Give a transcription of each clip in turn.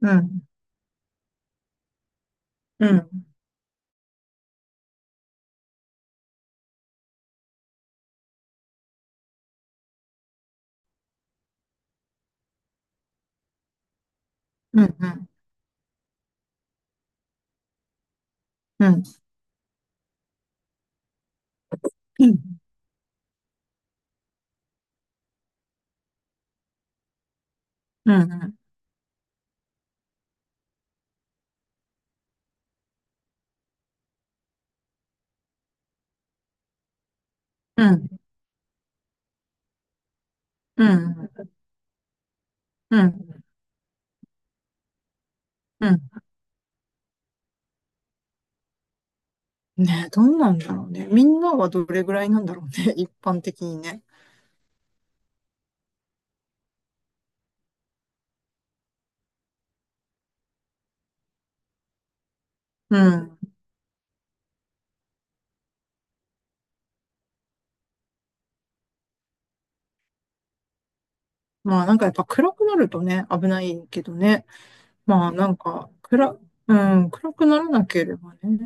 うん、うん、うん、うん、うん、うん、うん、うん、うん、うん、うん。ねえ、どうなんだろうね。みんなはどれぐらいなんだろうね。一般的にね。うん。まあなんかやっぱ暗くなるとね、危ないけどね。まあなんか、うん、暗くならなければね。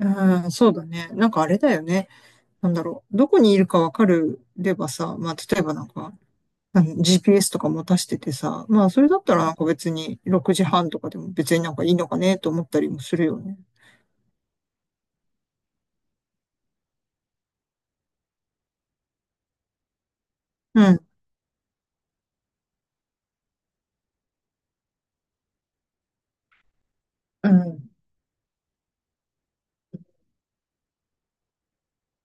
うん、そうだね。なんかあれだよね。なんだろう。どこにいるかわかればさ、まあ、例えばなんか、あの GPS とか持たしててさ、まあそれだったらなんか別に6時半とかでも別になんかいいのかねと思ったりもするよね。うん、うん、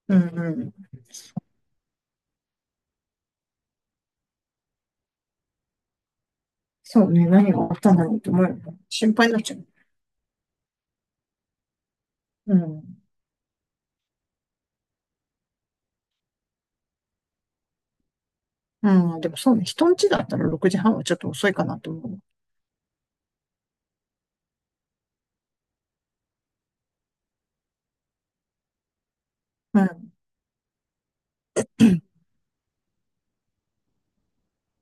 うん、うん。そうね、何があったんだろうと思うよね。心配になっちゃう。うん。うん、でもそうね、人ん家だったら6時半はちょっと遅いかなと思う。うん、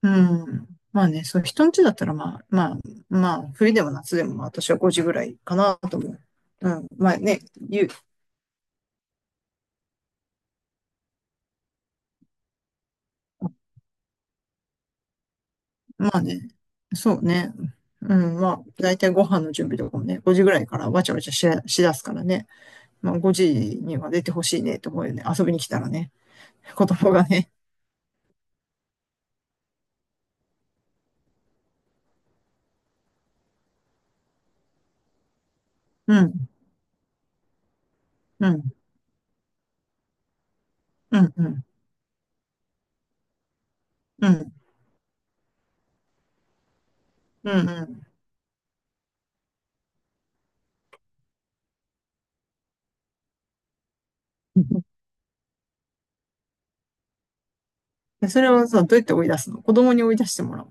うん。まあね、そう、人ん家だったらまあ、冬でも夏でもまあ私は5時ぐらいかなと思う。うん、まあね、ゆ、まあね。そうね。うん、まあ、だいたいご飯の準備とかもね、5時ぐらいからわちゃわちゃしだすからね。まあ、5時には出てほしいねと思うよね。遊びに来たらね。子供がね。うん、うん、うん、うん、うん、うん、うん。でそれをさ、どうやって追い出すの？子供に追い出してもらう？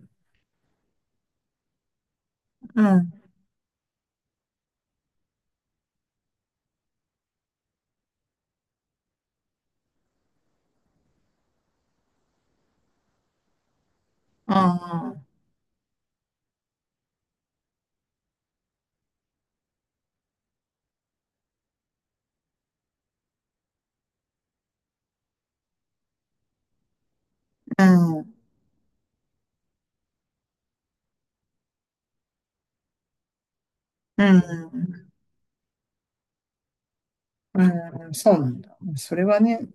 うん。ああ、うん、うん、うん、そうなんだ。それはね、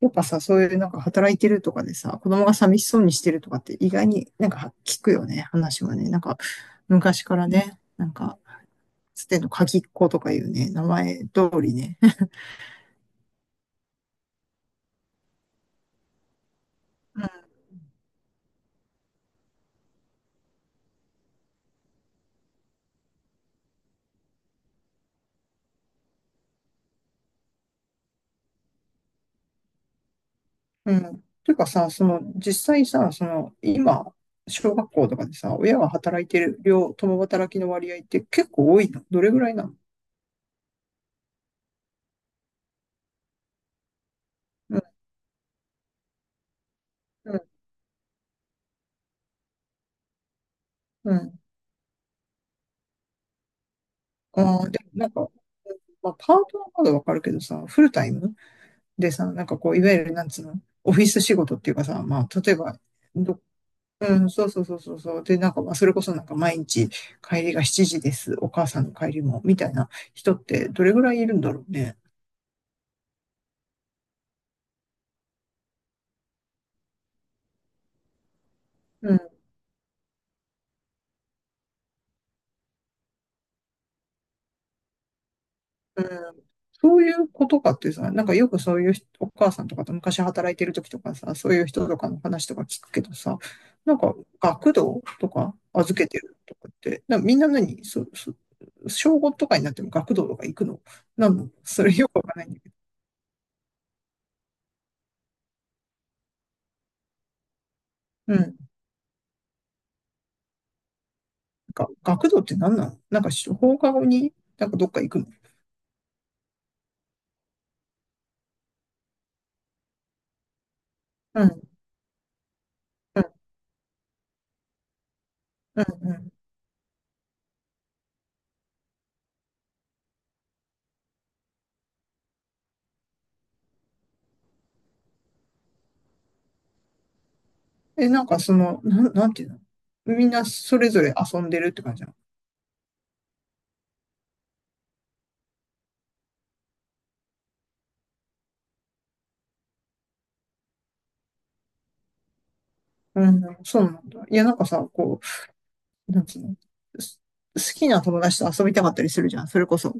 やっぱさ、そういうなんか働いてるとかでさ、子供が寂しそうにしてるとかって意外になんか聞くよね、話はね。なんか昔からね、なんか、つての鍵っ子とかいうね、名前通りね。うん。うんていうかさ、その実際さ、その今、小学校とかでさ、親が働いてる量、共働きの割合って結構多いの？どれぐらいなの？うん、うん、うん。ああ、でもなんか、まあ、パートはまだわかるけどさ、フルタイムでさ、なんかこう、いわゆる、なんつうの、オフィス仕事っていうかさ、まあ、例えば、ど、うん、そうそうそうそうそう。で、なんか、まあ、それこそなんか毎日帰りが7時です、お母さんの帰りも、みたいな人ってどれぐらいいるんだろうね。うん、うん。そういうことかってさ、なんかよくそういう人お母さんとかと昔働いてる時とかさ、そういう人とかの話とか聞くけどさ、なんか学童とか預けてるとかって、みんな何そ、そ、小5とかになっても学童とか行くの？なの、それよくわかんない。うん。なんか学童って何なの？なんか放課後になんかどっか行くの？うん、うん、うん、うん。え、なんかその、なんていうの、みんなそれぞれ遊んでるって感じなの？うん、そうなんだ。いや、なんかさ、こう、なんつうのす好きな友達と遊びたかったりするじゃん、それこそ。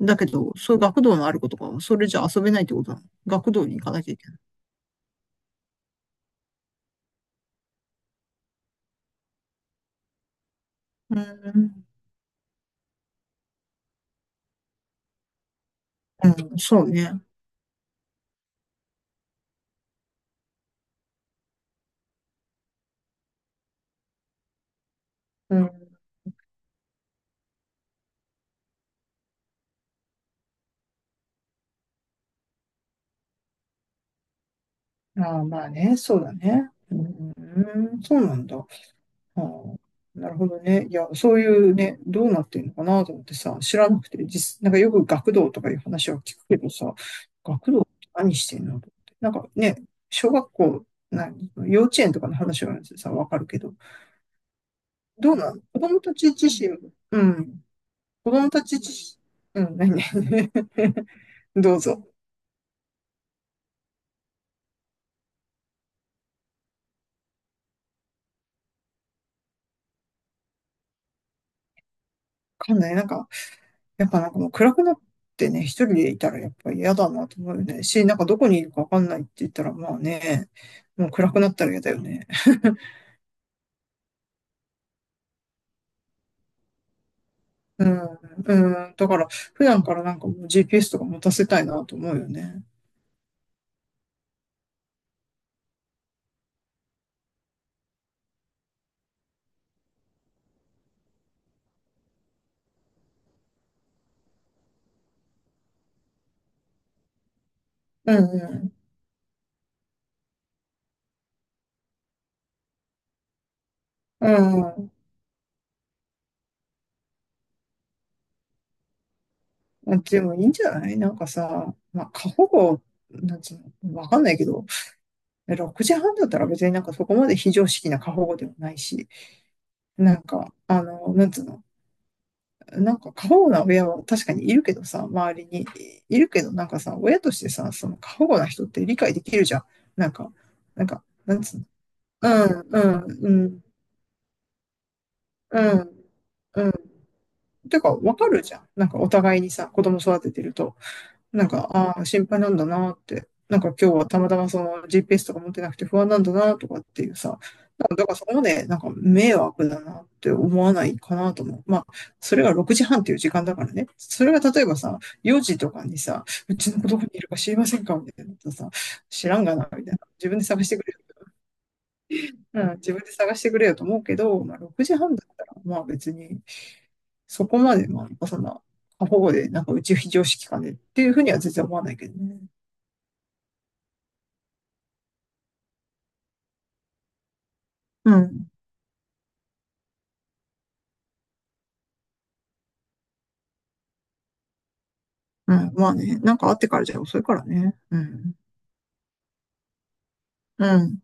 だけど、そういう学童のある子とかは、それじゃ遊べないってことなの？学童に行かなきゃいけない？うん、うん、そうね。うん。ああ、まあね、そうだね。うん、そうなんだ。ああ、なるほどね。いや、そういうね、どうなってるのかなと思ってさ、知らなくて、なんかよく学童とかいう話は聞くけどさ、学童って何してんのと思って。なんかね、小学校、何、幼稚園とかの話はさ、わかるけど、どうなの子供たち自身、うん、子供たち自身、うん、ね どうぞ。わかんない。なんか、やっぱなんかもう暗くなってね、一人でいたらやっぱ嫌だなと思うよね。なんかどこにいるかわかんないって言ったらまあね、もう暗くなったら嫌だよね。うん、うん。だから普段からなんかもう GPS とか持たせたいなと思うよね。うん、うん。うん。でもいいんじゃない？なんかさ、まあ過保護、なんつうの、わかんないけど、6時半だったら別になんかそこまで非常識な過保護でもないし、なんか、なんつうの、なんか過保護な親は確かにいるけどさ、周りにいるけど、なんかさ、親としてさ、その過保護な人って理解できるじゃん。なんか、なんか、なんつうの。うん、うん、うん、うん、うん。てか、わかるじゃん。なんかお互いにさ、子供育ててると。なんか、ああ、心配なんだなって。なんか今日はたまたまその GPS とか持ってなくて不安なんだなとかっていうさ。なんかだからそこまでなんか迷惑だなって思わないかなと思う。まあ、それが6時半っていう時間だからね。それが例えばさ、4時とかにさ、うちの子どこにいるか知りませんかみたいなことさ、知らんがな、みたいな。自分で探してくれよ。うん、自分で探してくれよと思うけど、まあ6時半だったら、まあ別に、そこまで、まあ、そんな、過保護で、なんかうち非常識かねっていうふうには全然思わないけどね。うん。うん。まあね。なんかあってからじゃ遅いからね。うん。うん。